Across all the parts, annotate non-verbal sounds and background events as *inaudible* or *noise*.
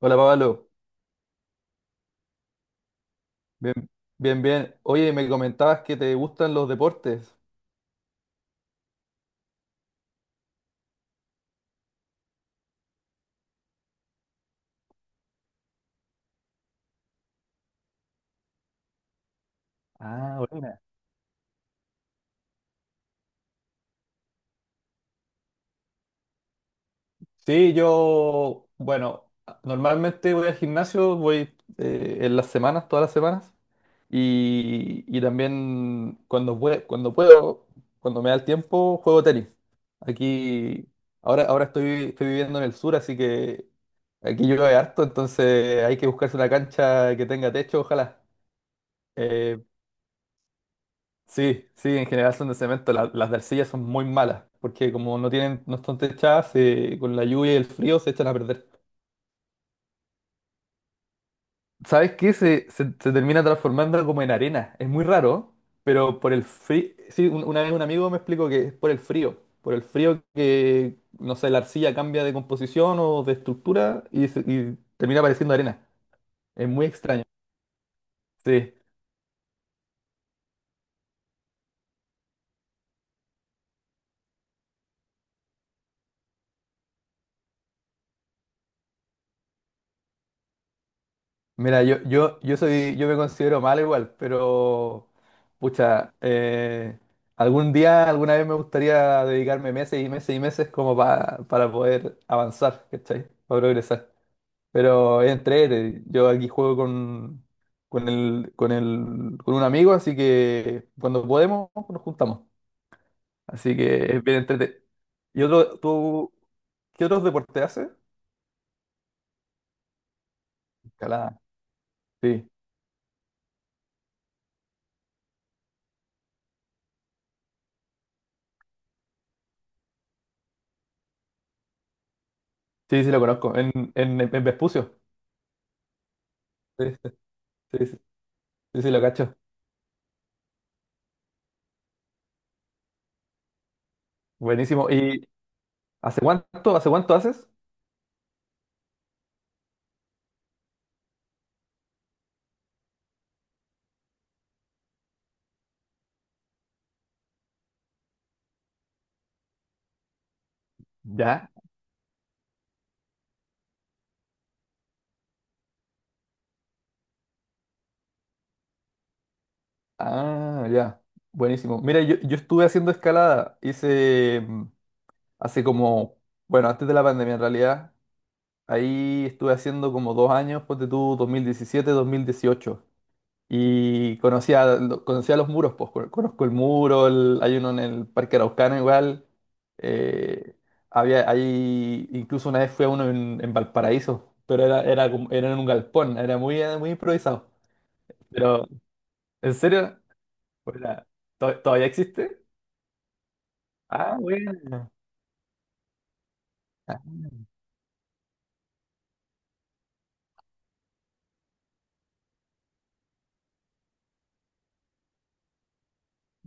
Hola Pablo, bien, bien, bien. Oye, me comentabas que te gustan los deportes. Ah, buena. Sí, yo, bueno, normalmente voy al gimnasio, voy en las semanas, todas las semanas, y también cuando, cuando puedo, cuando me da el tiempo, juego tenis. Aquí, ahora estoy, estoy viviendo en el sur, así que aquí llueve harto, entonces hay que buscarse una cancha que tenga techo, ojalá. Eh, Sí, sí, en general son de cemento. Las de arcilla son muy malas, porque como no tienen, no están techadas, con la lluvia y el frío se echan a perder. ¿Sabes qué? Se termina transformando como en arena. Es muy raro, pero por el frío. Sí, una vez un amigo me explicó que es por el frío. Por el frío que, no sé, la arcilla cambia de composición o de estructura y, y termina pareciendo arena. Es muy extraño. Sí. Mira, yo soy, yo me considero mal igual, pero pucha, algún día, alguna vez me gustaría dedicarme meses y meses y meses como para poder avanzar, ¿cachai? Para progresar. Pero es entrete, yo aquí juego con, con un amigo, así que cuando podemos nos juntamos. Así que es bien entrete. ¿Y otro, tú, qué otros deportes haces? Escalada. Sí, sí, sí lo conozco. En Vespucio. Sí, sí, sí. Sí. Sí, sí, lo cacho. Buenísimo. ¿Y hace cuánto haces? Ya. Ah, ya. Buenísimo. Mira, yo estuve haciendo escalada. Hice hace como, bueno, antes de la pandemia en realidad. Ahí estuve haciendo como dos años, ponte tú, 2017, 2018. Y conocía, conocía los muros, pues conozco el muro, hay uno en el Parque Araucano igual. eh, había, hay, incluso una vez fui a uno en Valparaíso, pero era, era, era en un galpón, era muy, muy improvisado. Pero, ¿en serio? Hola, ¿Todavía existe? Ah, bueno. Ah,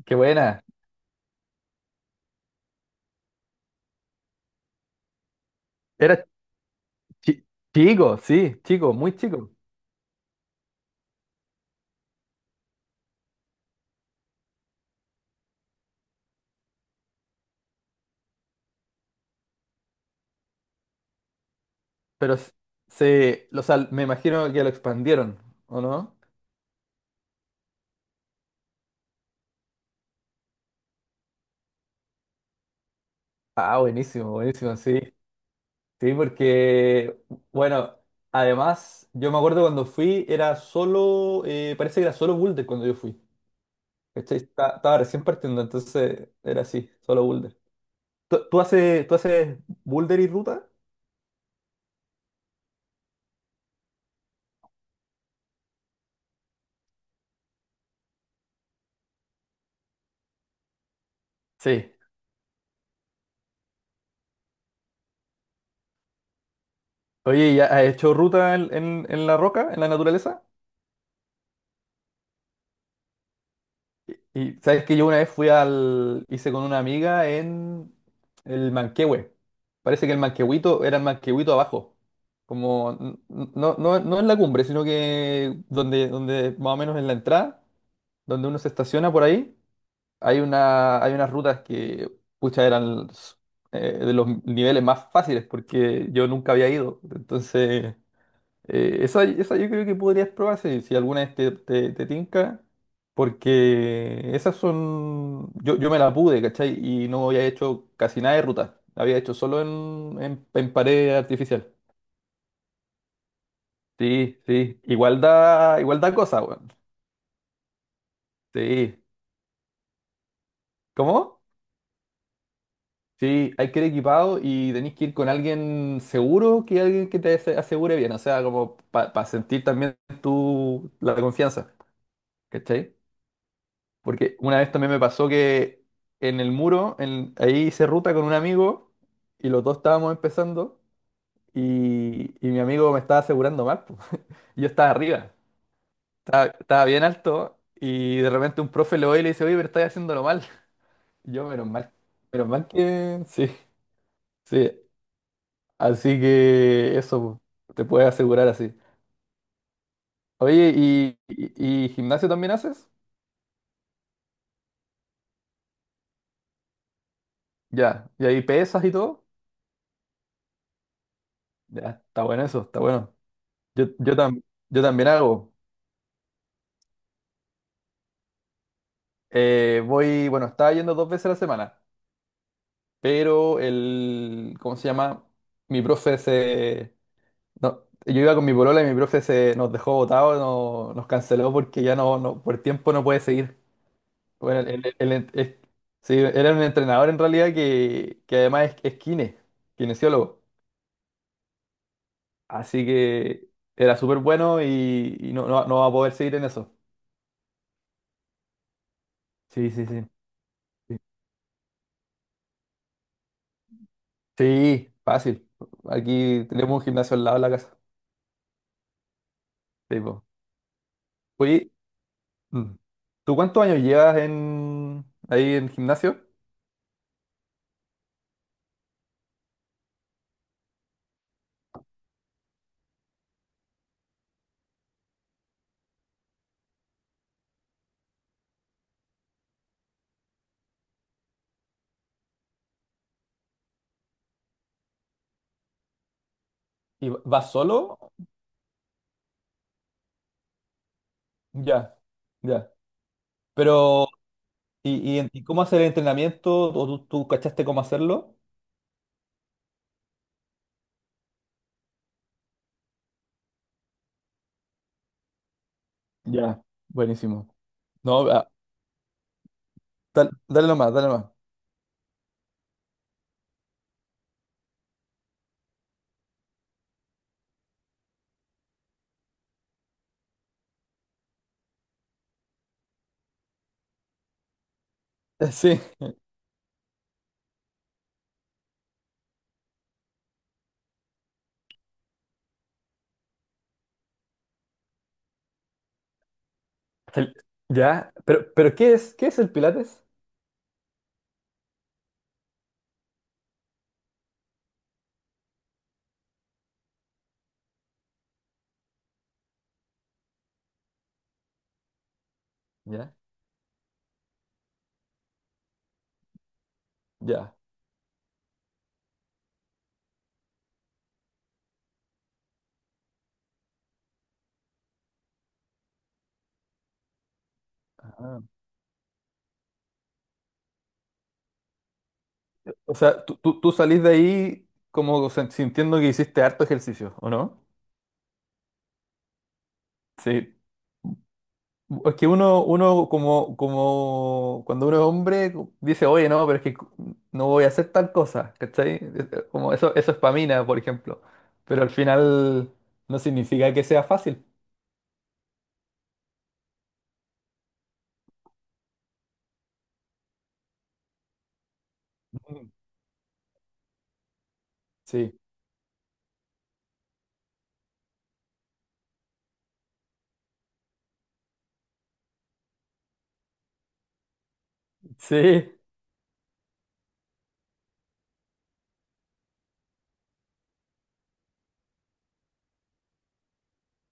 qué buena. Era chi- chico, sí, chico, muy chico. Pero se, o sea, me imagino que lo expandieron, ¿o no? Ah, buenísimo, buenísimo, sí. Sí, porque, bueno, además, yo me acuerdo cuando fui, era solo, parece que era solo Boulder cuando yo fui. ¿Cachai? Estaba recién partiendo, entonces era así, solo Boulder. ¿Tú haces Boulder y ruta? Sí. Oye, ¿ya has hecho ruta en, en la roca, en la naturaleza? Y sabes que yo una vez fui al, hice con una amiga en el Manquehue. Parece que el Manquehuito era el Manquehuito abajo. Como no, no, no en la cumbre, sino que donde, donde más o menos en la entrada, donde uno se estaciona por ahí, hay una, hay unas rutas que pucha eran de los niveles más fáciles, porque yo nunca había ido. Entonces esa, esa yo creo que podrías probar si, si alguna vez te, te, te tinca, porque esas son... Yo me la pude, ¿cachai? Y no había hecho casi nada de ruta, había hecho solo en, en pared artificial. Sí, sí, igual da cosa, weón. Sí. ¿Cómo? Sí, hay que ir equipado y tenéis que ir con alguien seguro, que alguien que te asegure bien, o sea, como para sentir también tu, la confianza, ¿cachai? Porque una vez también me pasó que en el muro, ahí hice ruta con un amigo y los dos estábamos empezando y mi amigo me estaba asegurando mal. Po. *laughs* Yo estaba arriba, estaba, estaba bien alto y de repente un profe lo ve y le dice, oye, pero estás haciéndolo mal. *laughs* Y yo, menos mal que... Sí, sí. Así que eso po, te puedes asegurar así. Oye, ¿y gimnasio también haces? Ya, y ahí pesas y todo. Ya, está bueno eso, está bueno. Yo, yo, tam- yo también hago. Voy, bueno, estaba yendo dos veces a la semana, pero el, ¿cómo se llama? Mi profe se... No, yo iba con mi polola y mi profe se nos dejó botados, nos canceló porque ya no, no, por tiempo no puede seguir. Bueno, sí, era un entrenador en realidad que además es kine, kinesiólogo. Así que era súper bueno y no, no, no va a poder seguir en eso. Sí, sí, sí. Sí, fácil. Aquí tenemos un gimnasio al lado de la casa. Sí, po. Oye, mm, ¿tú cuántos años llevas en ahí en gimnasio? ¿Y vas solo? Ya, ya. Pero, ¿y y cómo hacer el entrenamiento? ¿O tú cachaste cómo hacerlo? Ya. Buenísimo. No, ah, dal- dale, nomás, dale nomás. *laughs* Sí. El- Ya, pero ¿qué es? ¿Qué es el Pilates? Ya, ya. O sea, tú salís de ahí como sintiendo que hiciste harto ejercicio, ¿o no? Sí. Es que uno, uno como, como cuando uno es hombre dice, oye, no, pero es que no voy a hacer tal cosa, ¿cachai? Como eso es pamina, por ejemplo. Pero al final no significa que sea fácil. Mm. Sí, sí.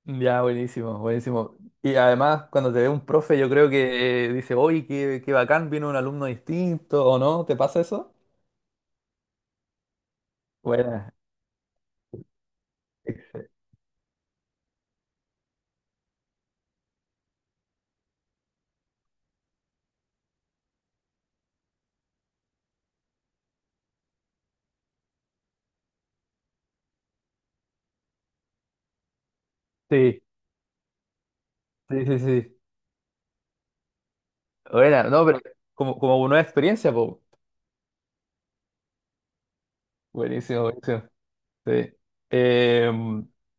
Ya, buenísimo, buenísimo. Y además, cuando te ve un profe, yo creo que dice, oye, qué, qué bacán, vino un alumno distinto, ¿o no? ¿Te pasa eso? Buena. Sí, sí, sí, sí. Buena, no, pero como, como una nueva experiencia, po. Buenísimo, buenísimo. Sí. Eh,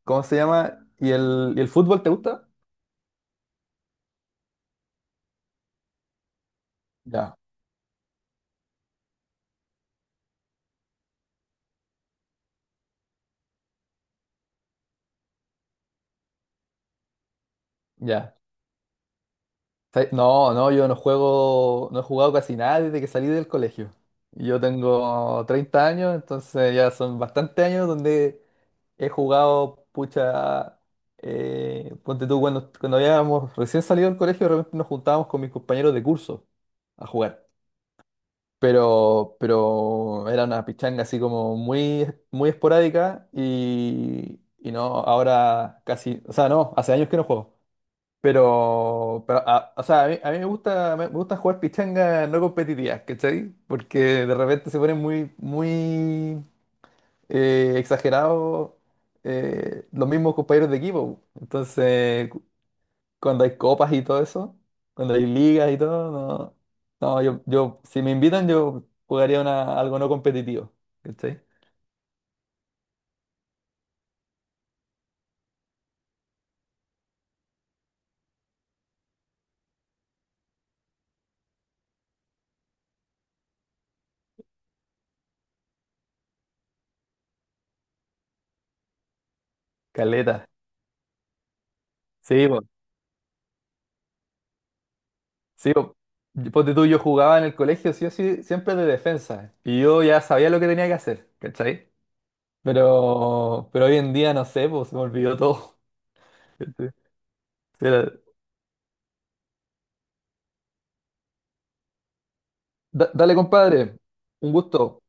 ¿Cómo se llama? Y el fútbol te gusta? Ya, ya. ¿Sabes? No, no, yo no juego, no he jugado casi nada desde que salí del colegio. Yo tengo 30 años, entonces ya son bastantes años donde he jugado, pucha, ponte tú, cuando, cuando habíamos recién salido del colegio, de repente nos juntábamos con mis compañeros de curso a jugar. Pero era una pichanga así como muy, muy esporádica y no, ahora casi, o sea, no, hace años que no juego. Pero o sea, a mí me gusta, me gusta jugar pichangas no competitivas, ¿cachai? Porque de repente se ponen muy, muy exagerados los mismos compañeros de equipo. Entonces, cuando hay copas y todo eso, cuando hay ligas y todo, no. No, yo, si me invitan, yo jugaría una, algo no competitivo. ¿Cachai? Caleta. Sí, po. Sí, po. Yo- Ponte tú, yo jugaba en el colegio, sí o sí, siempre de defensa. Y yo ya sabía lo que tenía que hacer, ¿cachai? Pero hoy en día no sé, pues se me olvidó todo. *laughs* ¿cachai? Pero, dale, compadre. Un gusto.